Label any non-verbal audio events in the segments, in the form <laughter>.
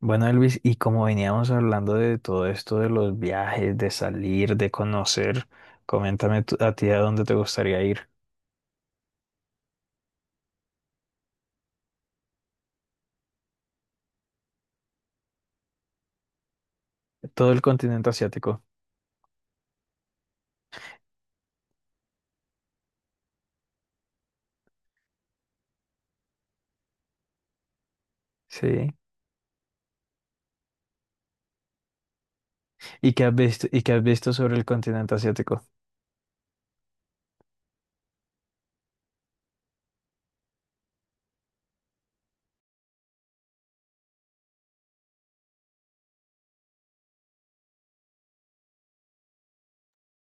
Bueno, Elvis, y como veníamos hablando de todo esto de los viajes, de salir, de conocer, coméntame a ti a dónde te gustaría ir. Todo el continente asiático. Sí. ¿Y qué has visto sobre el continente asiático?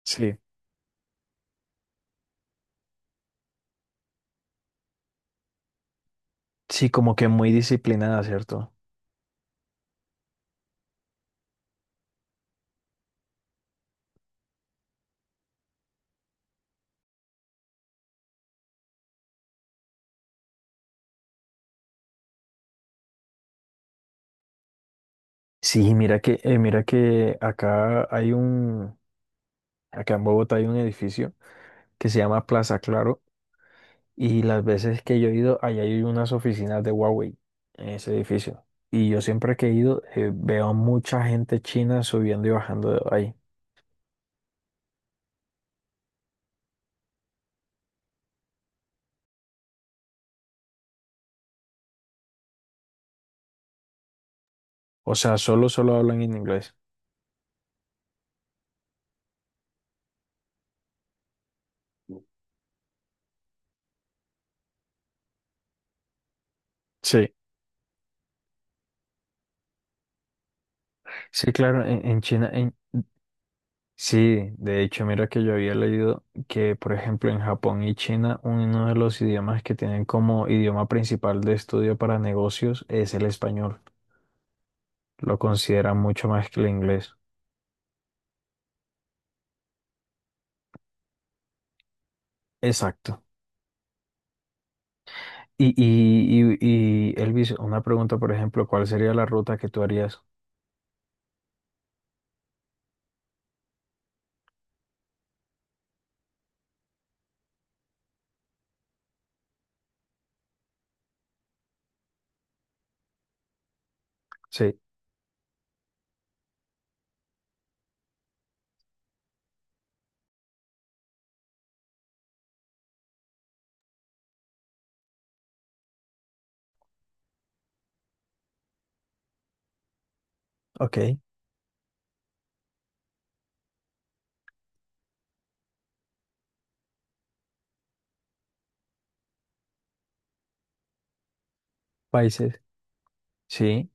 Sí. Sí, como que muy disciplinada, ¿cierto? Sí, mira que acá en Bogotá hay un edificio que se llama Plaza Claro. Y las veces que yo he ido, allá hay unas oficinas de Huawei en ese edificio. Y yo siempre que he ido, veo a mucha gente china subiendo y bajando de ahí. O sea, solo hablan en inglés. Sí. Sí, claro, en China. Sí, de hecho, mira que yo había leído que, por ejemplo, en Japón y China, uno de los idiomas que tienen como idioma principal de estudio para negocios es el español. Lo consideran mucho más que el inglés. Exacto. Y, Elvis, una pregunta, por ejemplo, ¿cuál sería la ruta que tú harías? Sí, ok. Países. Sí,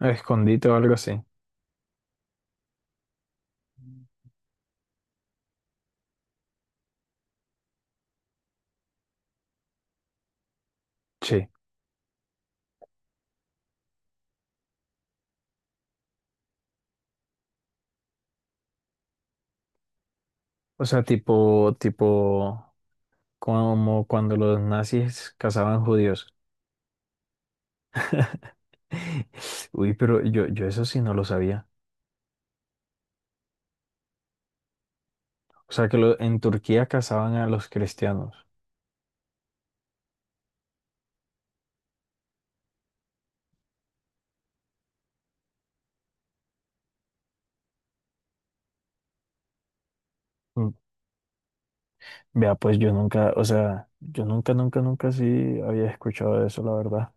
escondite o algo así. Sí. O sea, tipo, como cuando los nazis cazaban judíos. <laughs> Uy, pero yo eso sí no lo sabía. O sea, que en Turquía cazaban a los cristianos. Mm. Vea, pues yo nunca, o sea, yo nunca, nunca, nunca sí había escuchado de eso, la verdad.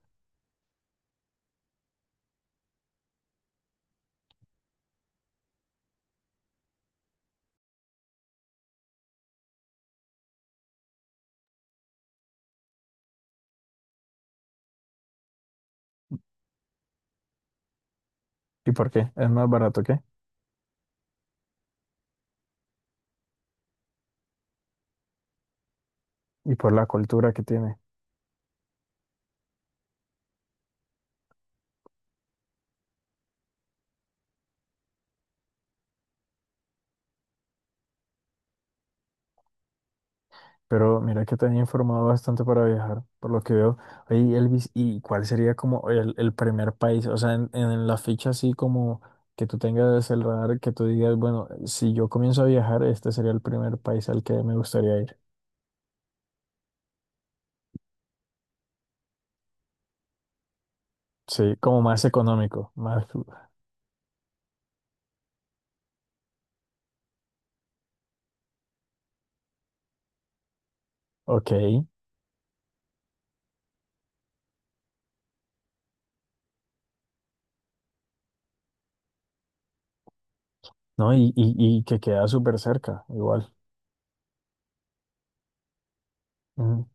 ¿Y por qué? ¿Es más barato que? Y por la cultura que tiene. Pero mira que te han informado bastante para viajar, por lo que veo. Oye, Elvis, ¿y cuál sería como el primer país? O sea, en la ficha así como que tú tengas el radar, que tú digas, bueno, si yo comienzo a viajar, este sería el primer país al que me gustaría ir. Sí, como más económico, más. Ok, ¿no? Y que queda súper cerca, igual. Ujú.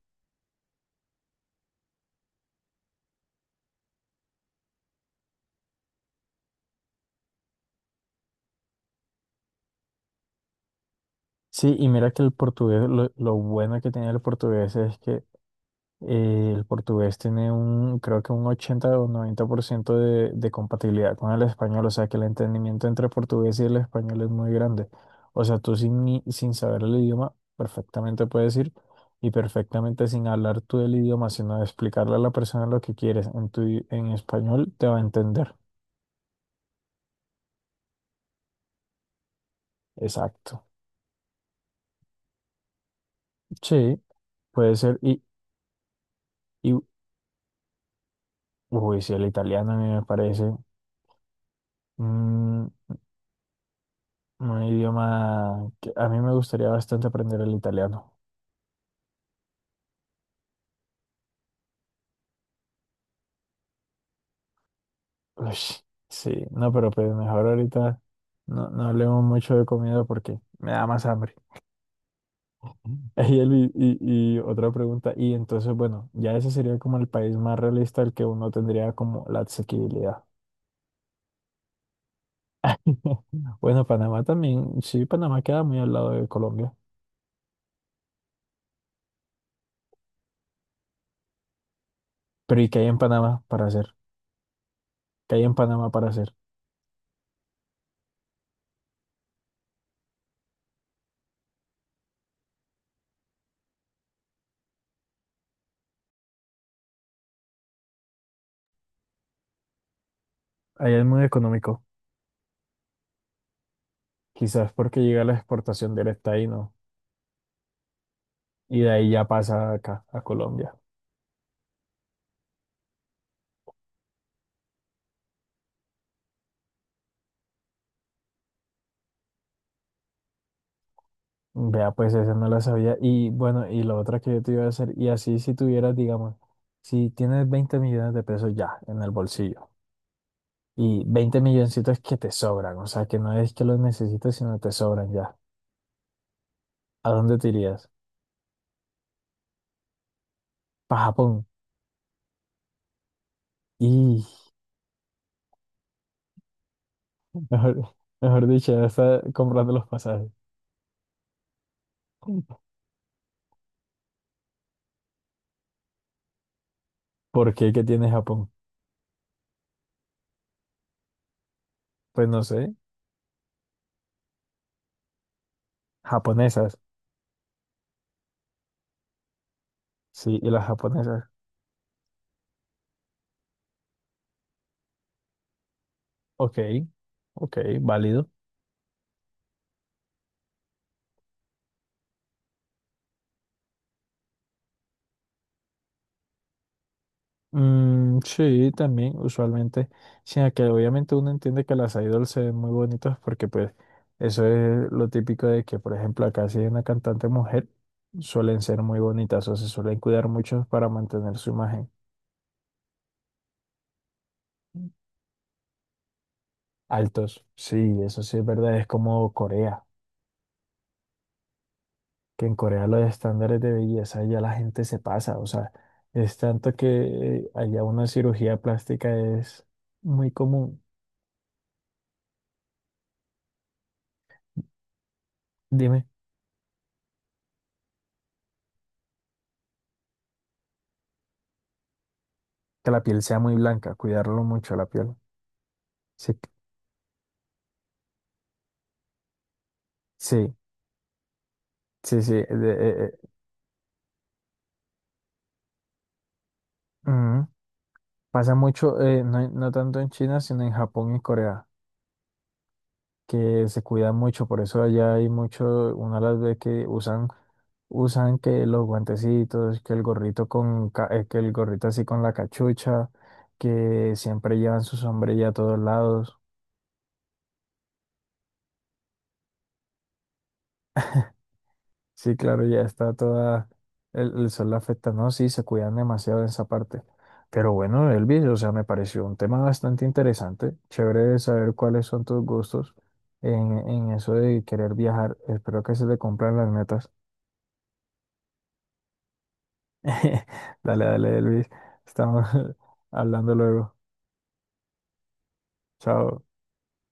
Sí, y mira que el portugués, lo bueno que tiene el portugués es que el portugués tiene creo que un 80 o 90% de compatibilidad con el español, o sea que el entendimiento entre el portugués y el español es muy grande. O sea, tú sin, sin saber el idioma, perfectamente puedes ir y perfectamente sin hablar tú el idioma, sino de explicarle a la persona lo que quieres en en español, te va a entender. Exacto. Sí, puede ser. Y, y uy, sí, el italiano a mí me parece mm, un idioma que a mí me gustaría bastante aprender el italiano. Uy, sí, no, pero pues mejor ahorita no hablemos mucho de comida porque me da más hambre. <laughs> Ey, Elvi, y, otra pregunta, y entonces, bueno, ya ese sería como el país más realista al que uno tendría como la asequibilidad. <laughs> Bueno, Panamá también, sí, Panamá queda muy al lado de Colombia, pero ¿y qué hay en Panamá para hacer? ¿Qué hay en Panamá para hacer? Allá es muy económico, quizás porque llega la exportación directa ahí, ¿no? Y de ahí ya pasa acá, a Colombia. Vea, pues esa no la sabía. Y bueno, y la otra que yo te iba a hacer, y así si tuvieras, digamos, si tienes 20 millones de pesos ya en el bolsillo, y 20 milloncitos que te sobran, o sea, que no es que los necesites, sino que te sobran ya, ¿a dónde te irías? Para Japón. Y <laughs> mejor, mejor dicho, ya está comprando los pasajes. ¿Por qué? ¿Qué tiene Japón? Pues no sé, japonesas, sí, y las japonesas. Ok, ok, válido. Mm, sí, también, usualmente, sino que obviamente uno entiende que las idols se ven muy bonitas porque pues eso es lo típico de que, por ejemplo, acá si hay una cantante mujer, suelen ser muy bonitas o se suelen cuidar mucho para mantener su imagen. Altos, sí, eso sí es verdad, es como Corea, que en Corea los estándares de belleza ya la gente se pasa, o sea, es tanto que allá una cirugía plástica es muy común. Dime, que la piel sea muy blanca, cuidarlo mucho la piel. Sí, sí, sí, sí, eh, ujú. Pasa mucho, no, no tanto en China, sino en Japón y Corea, que se cuidan mucho, por eso allá hay mucho, una de las veces que usan, que los guantecitos, que el gorrito así con la cachucha, que siempre llevan su sombrilla a todos lados. Sí, claro, ya está toda, el sol la afecta, ¿no? Sí, se cuidan demasiado en esa parte. Pero bueno, Elvis, o sea, me pareció un tema bastante interesante, chévere saber cuáles son tus gustos en eso de querer viajar. Espero que se te cumplan las metas. <laughs> Dale, dale, Elvis, estamos <laughs> hablando luego. Chao.